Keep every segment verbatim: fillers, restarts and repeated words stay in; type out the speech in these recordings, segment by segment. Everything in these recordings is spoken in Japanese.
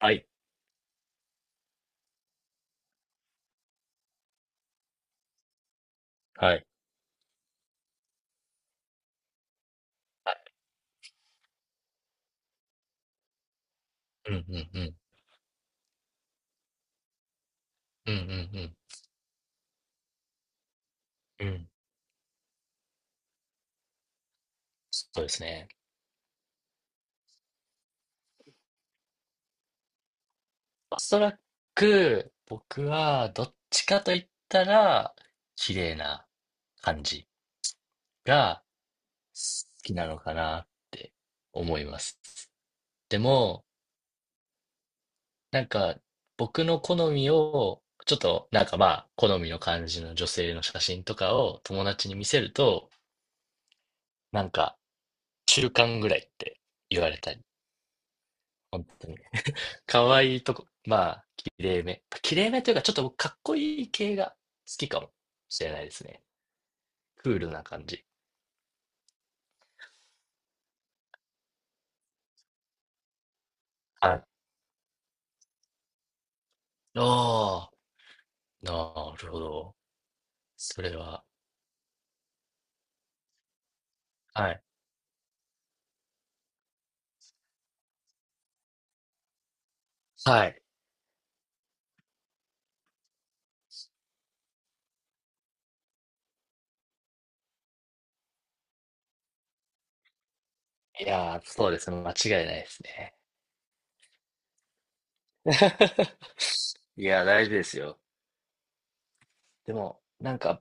はい。はい。はい。うんうんうん。うんうんうん。うん。そうですね。おそらく、僕は、どっちかと言ったら、綺麗な感じが好きなのかなって思います。でも、なんか、僕の好みを、ちょっと、なんかまあ、好みの感じの女性の写真とかを友達に見せると、なんか、中間ぐらいって言われたり、本当に可愛いとこ。まあ、綺麗め。綺麗めというか、ちょっと僕かっこいい系が好きかもしれないですね。クールな感じ。はい。ああ、なるほど。それは。はい。はい。いやー、そうですね。間違いないですね。いやー、大事ですよ。でも、なんか、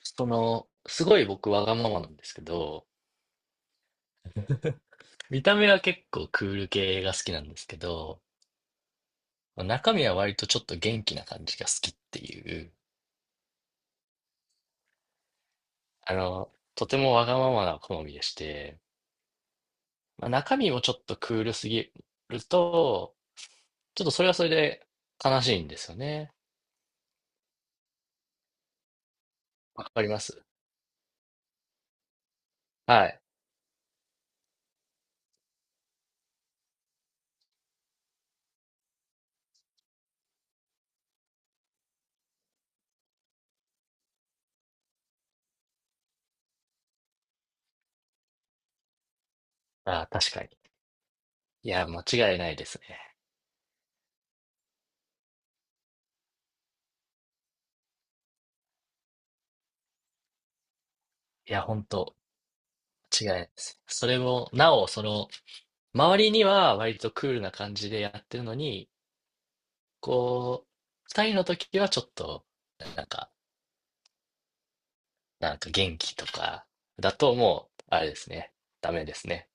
その、すごい僕わがままなんですけど、見た目は結構クール系が好きなんですけど、中身は割とちょっと元気な感じが好きっていう。あの、とてもわがままな好みでして、まあ、中身もちょっとクールすぎると、ちょっとそれはそれで悲しいんですよね。わかります、はい。ああ、確かに。いや、間違いないですね。いや、本当間違いないです。それも、なお、その、周りには割とクールな感じでやってるのに、こう、二人の時はちょっと、なんか、なんか元気とか、だともう、あれですね。ダメですね。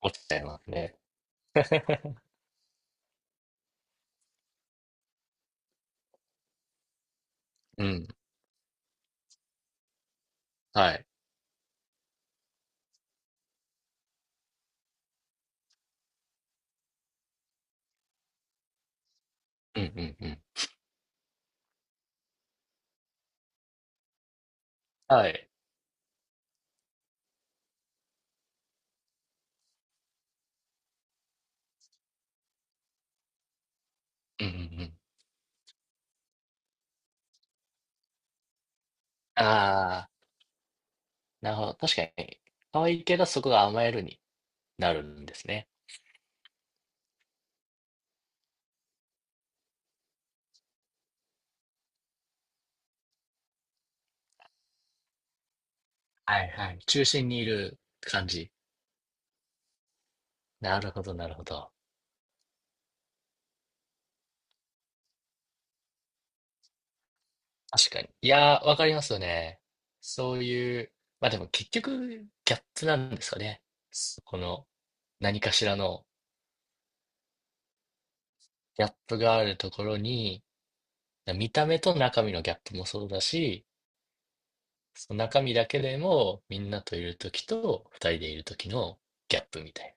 落ちちゃいますね。うん。はい。うんうんうん。はい。うんうんうん。ああ、なるほど。確かに、可愛いけど、そこが甘えるになるんですね。はいはい。中心にいる感じ。なるほど、なるほど。確かに。いやー、わかりますよね。そういう、まあでも結局、ギャップなんですかね。そこの、何かしらのギャップがあるところに、見た目と中身のギャップもそうだし、その中身だけでも、みんなといるときと、二人でいるときのギャップみたいな。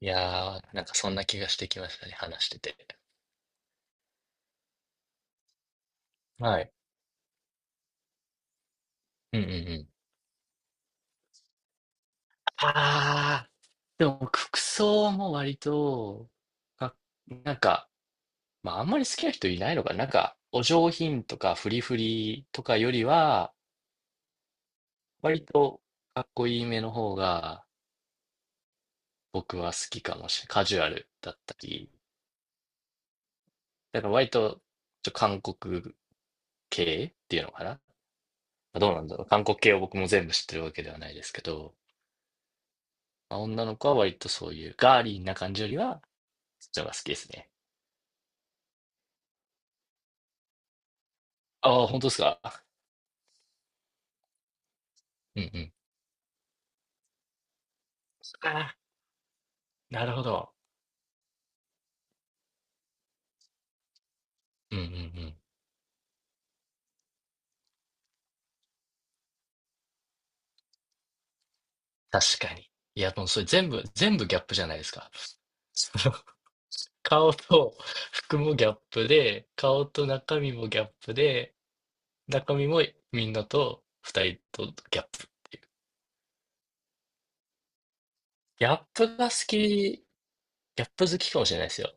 いやー、なんかそんな気がしてきましたね、話してて。はい。うんうんうん。あー、でも僕服装も割と、かなんか、まああんまり好きな人いないのかな。なんか、お上品とかフリフリとかよりは、割とかっこいいめの方が僕は好きかもしれない。カジュアルだったり。だから割と、ちょ韓国系っていうのかな。どうなんだろう。韓国系を僕も全部知ってるわけではないですけど、まあ、女の子は割とそういうガーリーな感じよりは、そっちの方が好きですね。ああ、本当ですか。うんうん。ああ、なるほど。うんうんうん。確かに。いや、もうそれ全部、全部ギャップじゃないですか。その顔と服もギャップで、顔と中身もギャップで、中身もみんなと二人とギャップっていう。ギャップが好き、ギャップ好きかもしれないですよ。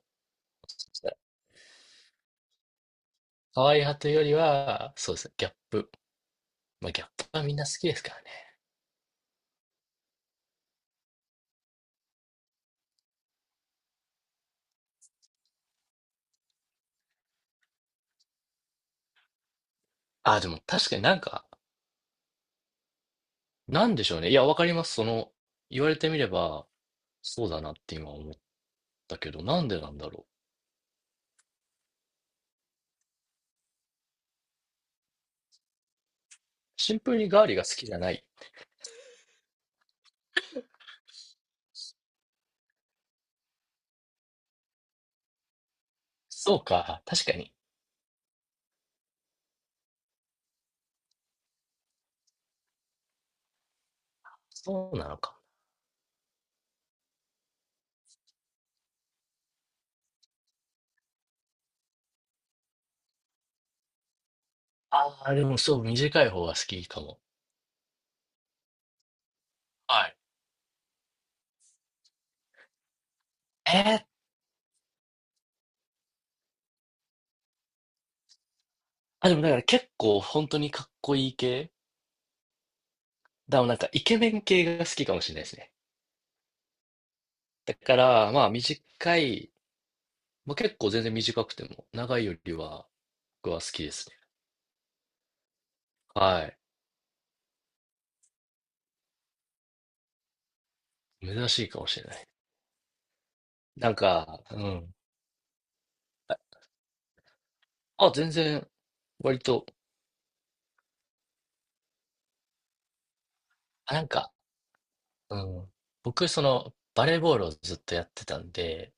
可愛い派というよりは、そうですね、ギャップ。まあ、ギャップはみんな好きですからね。あ、でも確かになんか、なんでしょうね。いや、わかります。その、言われてみれば、そうだなって今思ったけど、なんでなんだろう。シンプルにガーリーが好きじゃない。そうか、確かに。そうなのか。ああ、でもそう、短い方が好きかも。はい。えー、あ、でもだから結構本当にかっこいい系だからなんかイケメン系が好きかもしれないですね。だから、まあ短いまあ、結構全然短くても、長いよりは僕は好きですね。はい。珍しいかもしれない。なんか、うん。あ、全然、割と、あ、なんか、うん。僕、その、バレーボールをずっとやってたんで、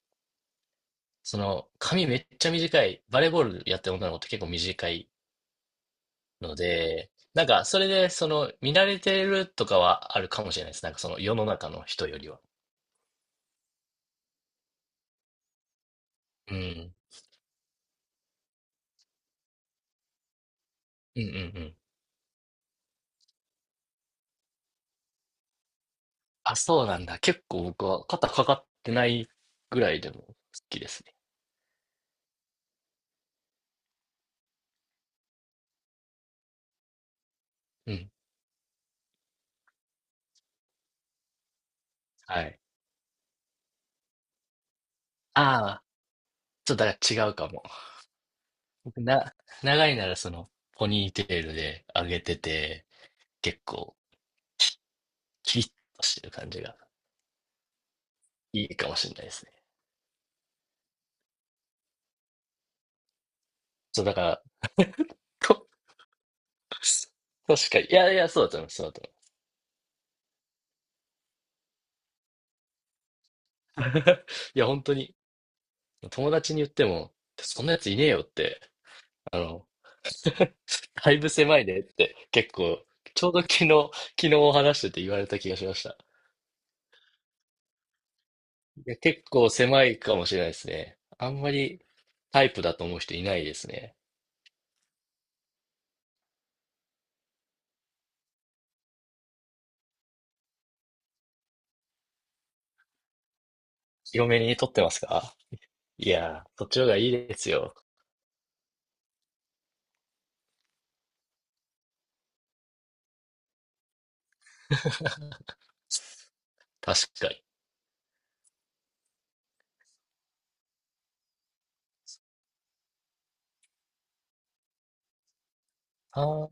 その、髪めっちゃ短い、バレーボールやってる女の子って結構短いので、なんか、それで、その、見慣れてるとかはあるかもしれないです。なんか、その、世の中の人よりは。うん。うんうんうん。あ、そうなんだ。結構僕は肩かかってないぐらいでも好きですね。うん。はい。ああ、ちょっとだから違うかも。僕な、長いならその、ポニーテールで上げてて、結構、きキリッとしてる感じがいいかもしれないですね。そう、だから、と 確かに。いやいや、そうだと思う、そうだと思う。いや、本当に、友達に言っても、そんなやついねえよって、あの、だいぶ狭いねって結構、ちょうど昨日、昨日話してて言われた気がしました。いや、結構狭いかもしれないですね。あんまりタイプだと思う人いないですね。広めに撮ってますか？いやー、そっちの方がいいですよ。確かに。あー、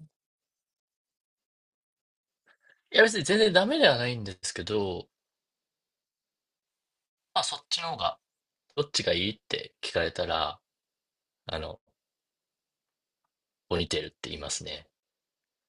いや、別に全然ダメではないんですけど、まあそっちの方が、どっちがいいって聞かれたら、あの、ポニーテールって言いますね。